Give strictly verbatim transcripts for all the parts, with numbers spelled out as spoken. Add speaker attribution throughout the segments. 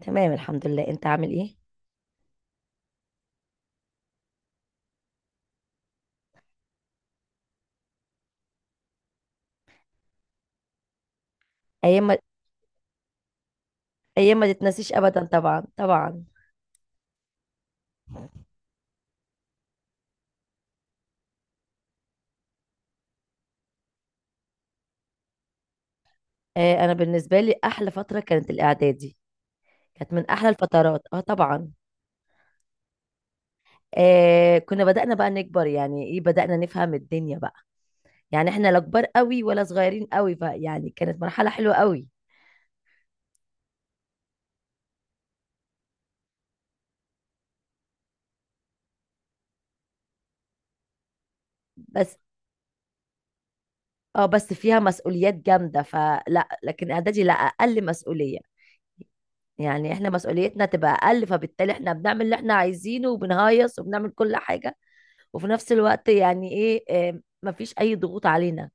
Speaker 1: تمام، الحمد لله. انت عامل ايه؟ ايام ما ايام ما تتنسيش ابدا، طبعا طبعا. آه انا بالنسبه لي احلى فتره كانت الاعدادي. كانت من احلى الفترات، اه طبعا. آه كنا بدأنا بقى نكبر، يعني ايه، بدأنا نفهم الدنيا بقى. يعني احنا لا كبار قوي ولا صغيرين قوي، فيعني كانت مرحله حلوه قوي. بس اه بس فيها مسؤوليات جامده، فلا، لكن اعدادي لا، اقل مسؤوليه. يعني احنا مسؤوليتنا تبقى اقل، فبالتالي احنا بنعمل اللي احنا عايزينه وبنهيص وبنعمل كل حاجه. وفي نفس الوقت يعني ايه، آه، مفيش اي ضغوط علينا.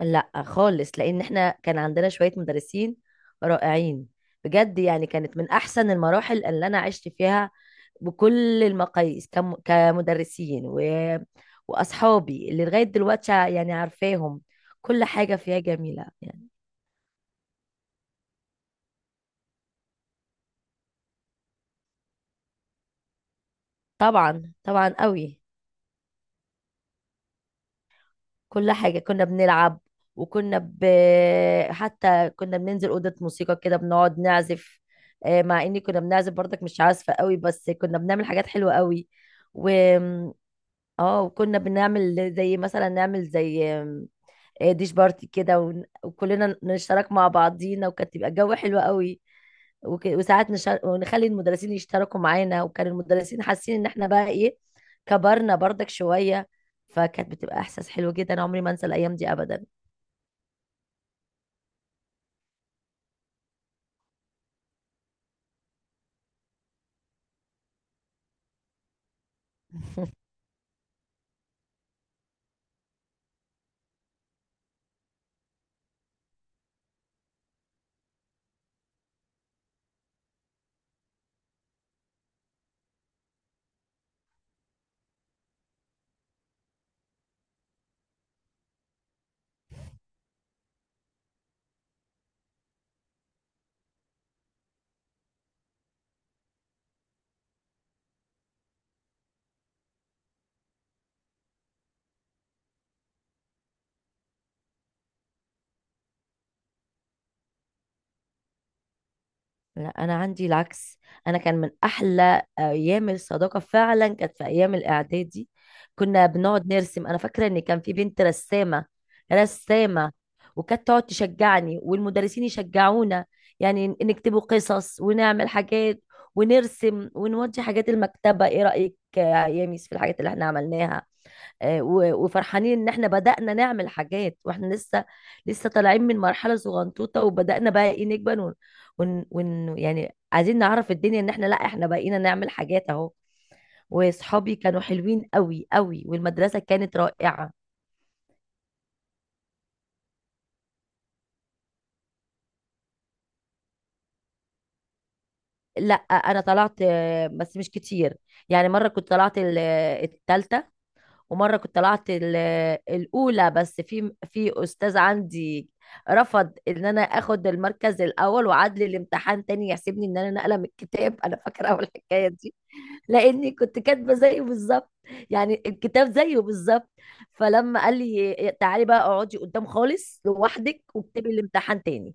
Speaker 1: لا خالص، لان احنا كان عندنا شوية مدرسين رائعين. بجد، يعني كانت من احسن المراحل اللي انا عشت فيها. بكل المقاييس، كم- كمدرسين و... واصحابي اللي لغاية دلوقتي يعني عارفاهم. كل حاجة فيها جميلة يعني. طبعا، طبعا قوي. كل حاجة كنا بنلعب، وكنا ب... حتى كنا بننزل أوضة موسيقى كده بنقعد نعزف. آه، مع إني كنا بنعزف برضك مش عازفة قوي، بس كنا بنعمل حاجات حلوة قوي. و اه وكنا بنعمل زي مثلا، نعمل زي آه، ديش بارتي كده، ون- وكلنا نشترك مع بعضينا، وكانت تبقى الجو حلو قوي. وك- وساعات نشار... ونخلي المدرسين يشتركوا معانا، وكان المدرسين حاسين ان احنا بقى ايه، كبرنا برضك شوية. فكانت بتبقى احساس حلو جدا، عمري ما انسى الايام دي ابدا. لا، انا عندي العكس. انا كان من احلى ايام الصداقه فعلا كانت في ايام الاعدادي. كنا بنقعد نرسم، انا فاكره ان كان في بنت رسامه، رسامه. وكانت تقعد تشجعني والمدرسين يشجعونا. يعني ن- نكتبوا قصص ونعمل حاجات ونرسم ونودي حاجات المكتبه. ايه رايك يا ميس في الحاجات اللي احنا عملناها؟ آه، و- وفرحانين ان احنا بدأنا نعمل حاجات، واحنا لسه لسه طالعين من مرحلة صغنطوطة، وبدأنا بقى ايه نكبر، ون, ون, ون يعني عايزين نعرف الدنيا، ان احنا، لا احنا بقينا نعمل حاجات اهو. واصحابي كانوا حلوين قوي قوي، والمدرسة كانت رائعة. لا، انا طلعت، آه، بس مش كتير. يعني مرة كنت طلعت ال- آه، التالتة، ومره كنت طلعت ال- الاولى، بس في في استاذ عندي رفض ان انا اخد المركز الاول، وعاد لي الامتحان تاني يحسبني ان انا نقله من الكتاب. انا فاكره اول الحكايه دي. لاني كنت كاتبه زيه بالظبط، يعني الكتاب زيه بالظبط. فلما قال لي تعالي بقى اقعدي قدام خالص لوحدك واكتبي الامتحان تاني.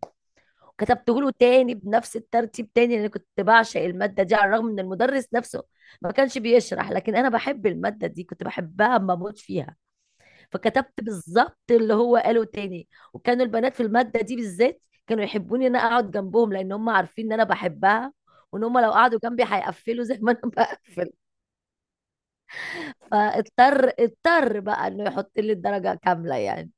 Speaker 1: كتبته له تاني بنفس الترتيب تاني، لان كنت بعشق الماده دي، على الرغم ان المدرس نفسه ما كانش بيشرح، لكن انا بحب الماده دي، كنت بحبها ما بموت فيها. فكتبت بالظبط اللي هو قاله تاني، وكانوا البنات في المادة دي بالذات كانوا يحبوني ان انا اقعد جنبهم، لان هم عارفين ان انا بحبها، وان هم لو قعدوا جنبي هيقفلوا زي ما انا بقفل. فاضطر اضطر بقى انه يحط لي الدرجة كاملة يعني.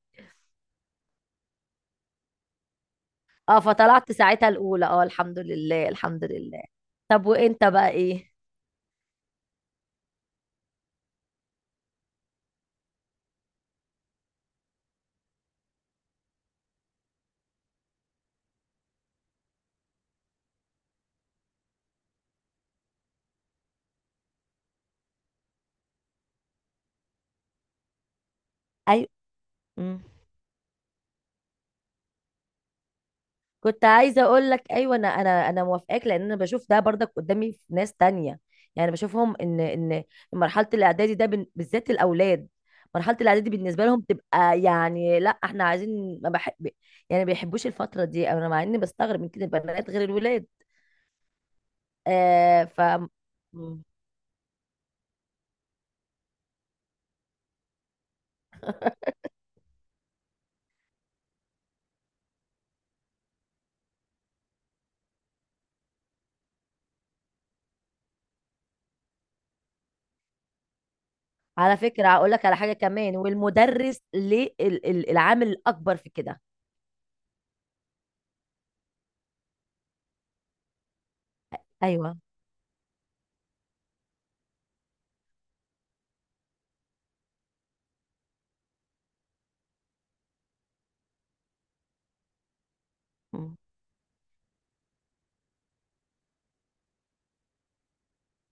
Speaker 1: اه فطلعت ساعتها الاولى، اه الحمد لله، الحمد لله. طب وانت بقى ايه؟ ايوه، كنت عايزه اقول لك ايوه، انا انا انا موافقاك، لان انا بشوف ده برضك قدامي في ناس تانية. يعني بشوفهم ان ان مرحله الاعدادي ده بن- بالذات الاولاد. مرحله الاعدادي بالنسبه لهم تبقى يعني، لا احنا عايزين، ما بحب، يعني ما بيحبوش الفتره دي. انا مع اني بستغرب من كده، البنات غير الولاد. آه ف مم. على فكره هقول لك على حاجه كمان، والمدرس ليه ال- ال- العامل الاكبر في كده. ايوه. مم.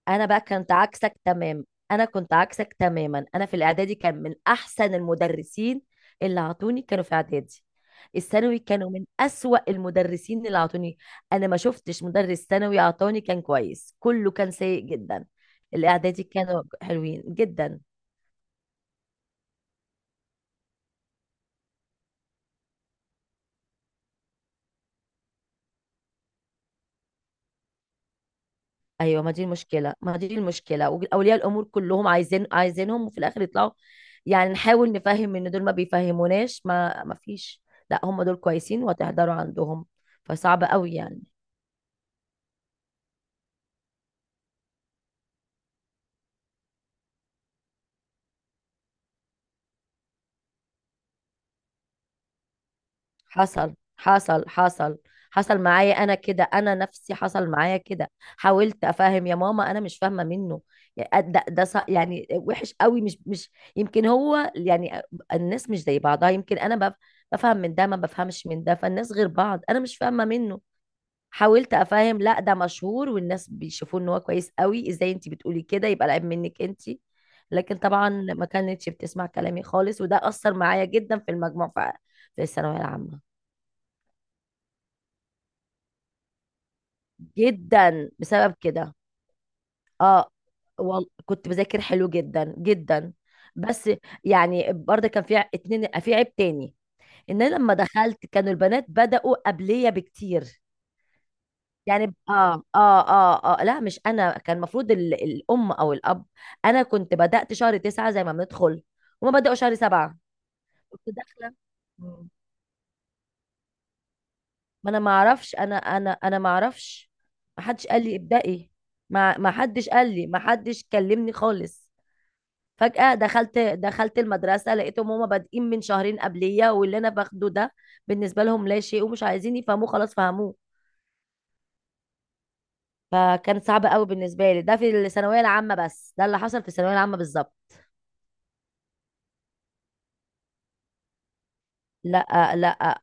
Speaker 1: انا بقى كنت عكسك تمام، انا كنت عكسك تماما. انا في الاعدادي كان من احسن المدرسين اللي عطوني كانوا في اعدادي. الثانوي كانوا من اسوأ المدرسين اللي عطوني. انا ما شفتش مدرس ثانوي عطاني كان كويس، كله كان سيء جدا. الاعدادي كانوا حلوين جدا. ايوه، ما دي المشكله، ما دي المشكله. واولياء الامور كلهم عايزين عايزينهم، وفي الاخر يطلعوا. يعني نحاول نفهم ان دول ما بيفهموناش، ما ما فيش. لا هم دول كويسين وهتحضروا عندهم. فصعب قوي يعني. حصل، حصل، حصل. حصل معايا انا كده، انا نفسي حصل معايا كده. حاولت افهم يا ماما، انا مش فاهمه منه. يعني ده ده صع- يعني وحش قوي، مش مش يمكن هو يعني الناس مش زي بعضها. يمكن انا بف- بفهم من ده ما بفهمش من ده، فالناس غير بعض، انا مش فاهمه منه. حاولت افهم، لا ده مشهور والناس بيشوفوه ان هو كويس قوي، ازاي انت بتقولي كده؟ يبقى العيب منك انت. لكن طبعا ما كانتش بتسمع كلامي خالص، وده اثر معايا جدا في المجموع، في في الثانويه العامه. جدا بسبب كده. اه وال... كنت بذاكر حلو جدا جدا. بس يعني برضه كان في ع- اتنين، في عيب تاني، ان انا لما دخلت كانوا البنات بدأوا قبلية بكتير. يعني ب- اه اه اه اه لا مش انا، كان المفروض ال- الام او الاب. انا كنت بدأت شهر تسعة زي ما بندخل، هما بدأوا شهر سبعة، كنت داخلة. مم. ما انا ما اعرفش، انا انا انا ما اعرفش، ما حدش قال لي ابدأي، ما ما حدش قال لي، ما حدش كلمني خالص. فجأة دخلت، دخلت المدرسة، لقيتهم هما بادئين من شهرين قبلية، واللي انا باخده ده بالنسبة لهم لا شيء، ومش عايزين يفهموه، خلاص فهموه. فكان صعب قوي بالنسبه لي ده في الثانويه العامه، بس ده اللي حصل في الثانويه العامه بالظبط. لا، لا.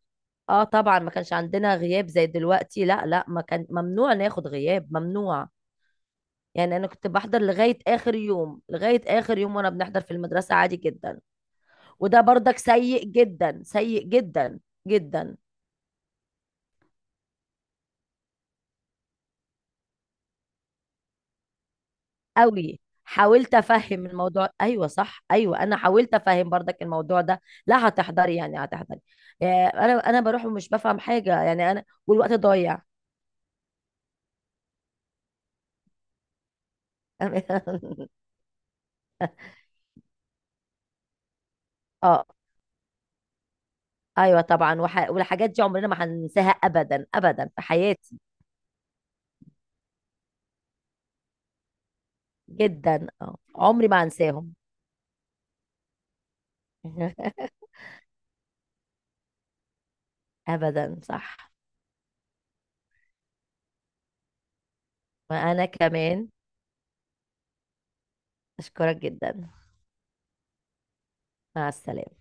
Speaker 1: اه طبعا، ما كانش عندنا غياب زي دلوقتي، لا لا، ما كان، ممنوع ناخد غياب، ممنوع. يعني انا كنت بحضر لغايه اخر يوم، لغايه اخر يوم، وانا بنحضر في المدرسه عادي جدا. وده برضك سيء جدا، سيء جدا جدا، قوي. حاولت افهم الموضوع، ايوه صح، ايوه انا حاولت افهم برضك الموضوع ده. لا هتحضري، يعني هتحضري. آه، انا انا بروح ومش بفهم حاجه، يعني انا والوقت ضايع. اه ايوه طبعا، وح... والحاجات دي عمرنا ما هننساها، ابدا ابدا في حياتي، جدا، اه عمري ما هنساهم. ابدا، صح. وانا كمان، اشكرك جدا. مع السلامه.